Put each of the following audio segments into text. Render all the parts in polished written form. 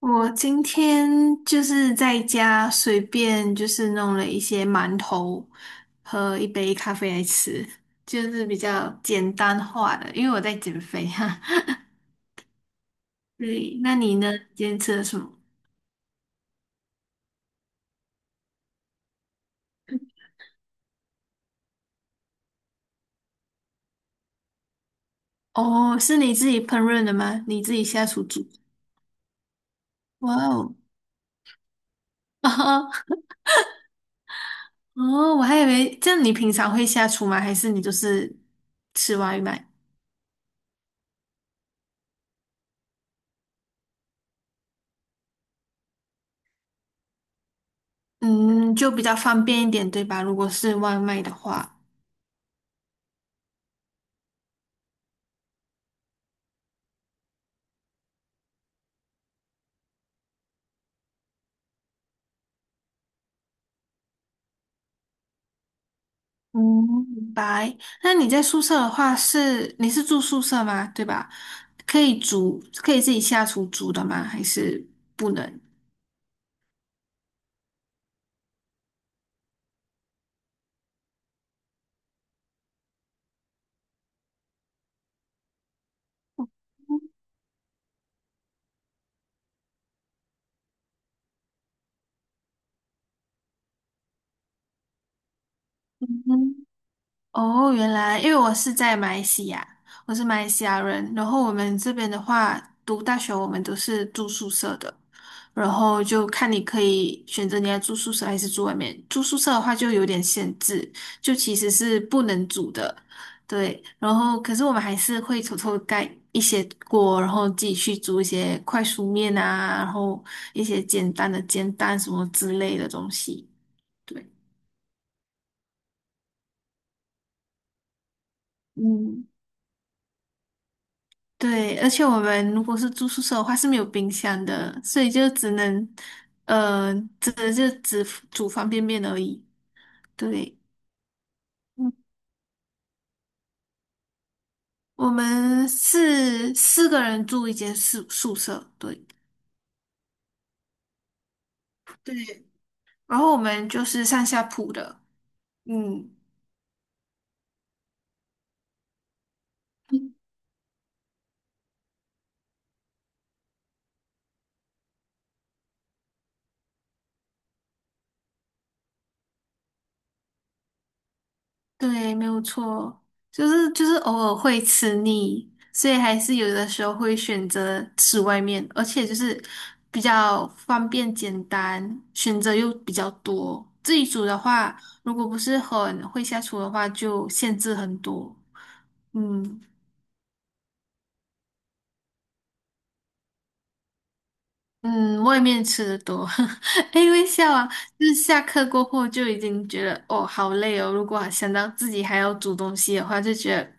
我今天就是在家随便就是弄了一些馒头和一杯咖啡来吃，就是比较简单化的，因为我在减肥哈。对，那你呢？今天吃了什么？哦，是你自己烹饪的吗？你自己下厨煮？哇哦，哦，哦我还以为这样你平常会下厨吗？还是你就是吃外卖？嗯，就比较方便一点，对吧？如果是外卖的话。嗯，明白。那你在宿舍的话是，你是住宿舍吗？对吧？可以煮，可以自己下厨煮的吗？还是不能？嗯，哦，原来，因为我是在马来西亚，我是马来西亚人，然后我们这边的话，读大学我们都是住宿舍的，然后就看你可以选择你要住宿舍还是住外面。住宿舍的话就有点限制，就其实是不能煮的。对。然后可是我们还是会偷偷盖一些锅，然后自己去煮一些快熟面啊，然后一些简单的煎蛋什么之类的东西。对。嗯。对，而且我们如果是住宿舍的话是没有冰箱的，所以就只能，呃，只能就只煮方便面而已。对，嗯，我们是四个人住一间宿舍，对对。然后我们就是上下铺的。嗯。对，没有错，就是偶尔会吃腻，所以还是有的时候会选择吃外面，而且就是比较方便简单，选择又比较多。自己煮的话，如果不是很会下厨的话，就限制很多。嗯。嗯，外面吃的多，哎，微笑啊，就是下课过后就已经觉得哦好累哦，如果还想到自己还要煮东西的话，就觉得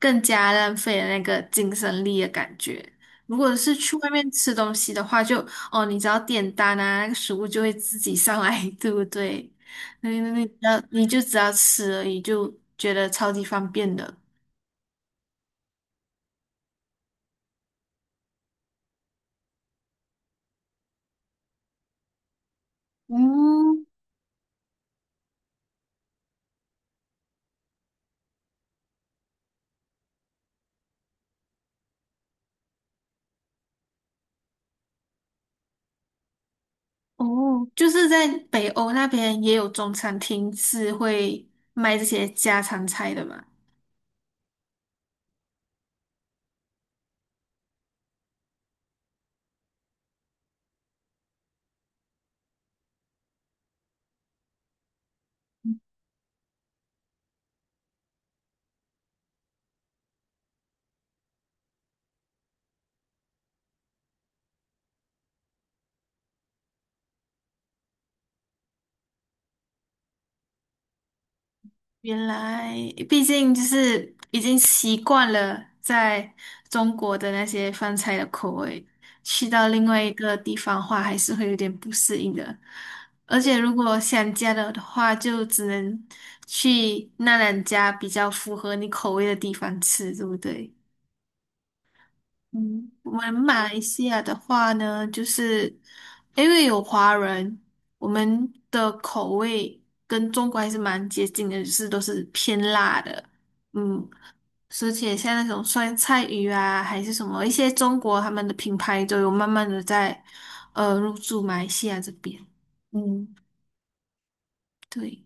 更加浪费了那个精神力的感觉。如果是去外面吃东西的话就，哦，你只要点单啊，那个食物就会自己上来，对不对？那你只要你就只要吃而已，就觉得超级方便的。嗯。哦，就是在北欧那边也有中餐厅是会卖这些家常菜的嘛。原来，毕竟就是已经习惯了在中国的那些饭菜的口味，去到另外一个地方的话，还是会有点不适应的。而且如果想家的话，就只能去那两家比较符合你口味的地方吃，对不对？嗯，我们马来西亚的话呢，就是因为有华人，我们的口味跟中国还是蛮接近的，就是都是偏辣的。嗯，而且像那种酸菜鱼啊，还是什么一些中国他们的品牌都有慢慢的在入驻马来西亚这边。嗯，对，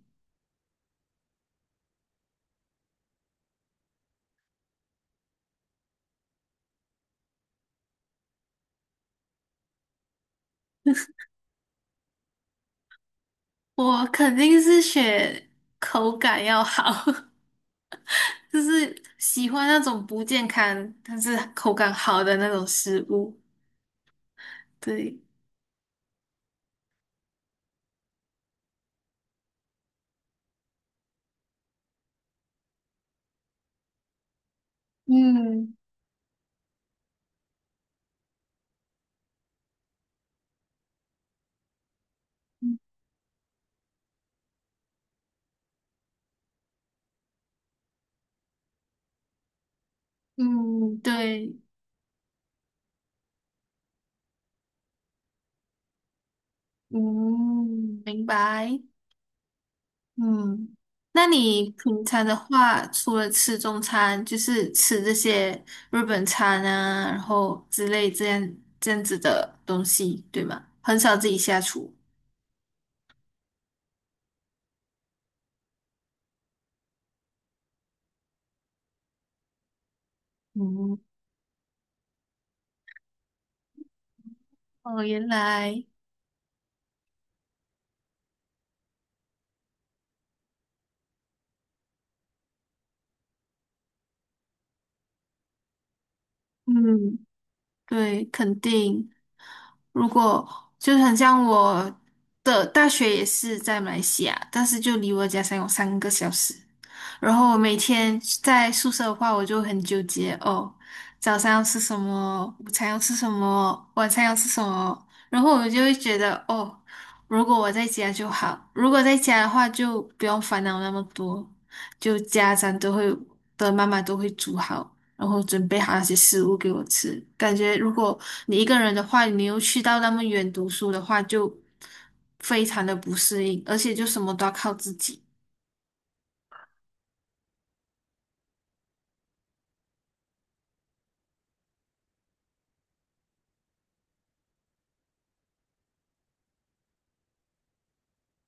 我肯定是选口感要好。就是喜欢那种不健康但是口感好的那种食物。对。嗯嗯。对。嗯，明白。嗯，那你平常的话，除了吃中餐，就是吃这些日本餐啊，然后之类这样子的东西，对吗？很少自己下厨。嗯，哦，原来。嗯，对，肯定。如果就很像我的大学也是在马来西亚，但是就离我的家乡有3个小时。然后我每天在宿舍的话，我就很纠结哦，早上要吃什么，午餐要吃什么，晚餐要吃什么。然后我就会觉得哦，如果我在家就好，如果在家的话就不用烦恼那么多，就家长都会的妈妈都会煮好，然后准备好那些食物给我吃。感觉如果你一个人的话，你又去到那么远读书的话，就非常的不适应，而且就什么都要靠自己。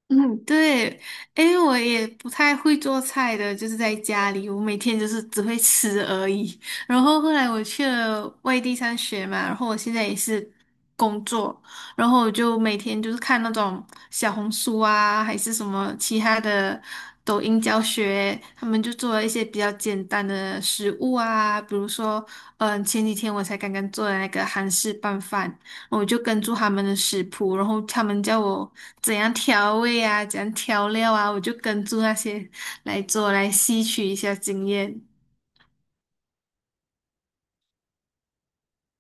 嗯，对，诶，我也不太会做菜的，就是在家里，我每天就是只会吃而已。然后后来我去了外地上学嘛，然后我现在也是工作，然后我就每天就是看那种小红书啊，还是什么其他的抖音教学，他们就做了一些比较简单的食物啊，比如说，前几天我才刚刚做的那个韩式拌饭。我就跟住他们的食谱，然后他们叫我怎样调味啊，怎样调料啊，我就跟住那些来做，来吸取一下经验。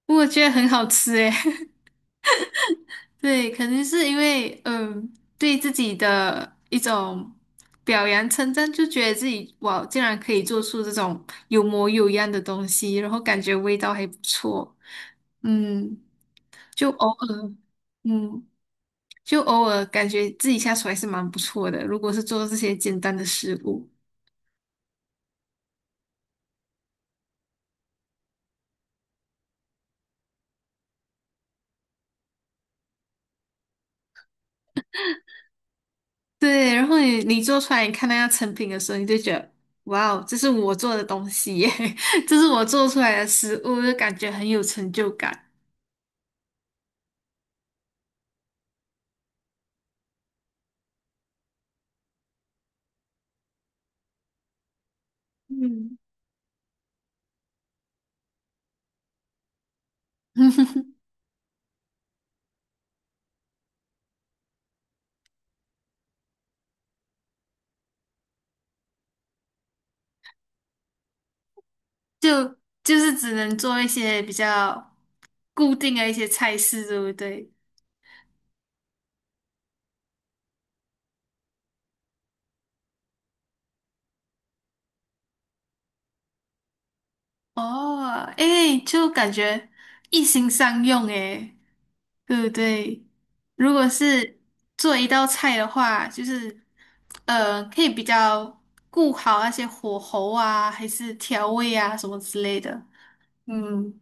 我觉得很好吃诶。对，肯定是因为对自己的一种表扬称赞，就觉得自己哇，竟然可以做出这种有模有样的东西，然后感觉味道还不错。嗯，就偶尔。嗯。就偶尔感觉自己下厨还是蛮不错的。如果是做这些简单的食物，对。然后你做出来，你看那样成品的时候，你就觉得哇哦，这是我做的东西耶，这是我做出来的食物，就感觉很有成就感。嗯。就就是只能做一些比较固定的一些菜式，对不对？哦，诶，就感觉一心上用诶。对不对？如果是做一道菜的话，就是可以比较顾好那些火候啊，还是调味啊什么之类的。嗯。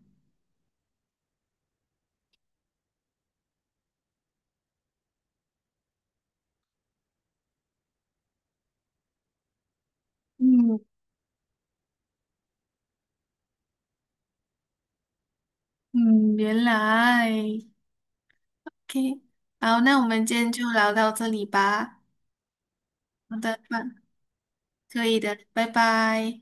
嗯。嗯，原来，OK，好，那我们今天就聊到这里吧。好的，吧可以的，拜拜。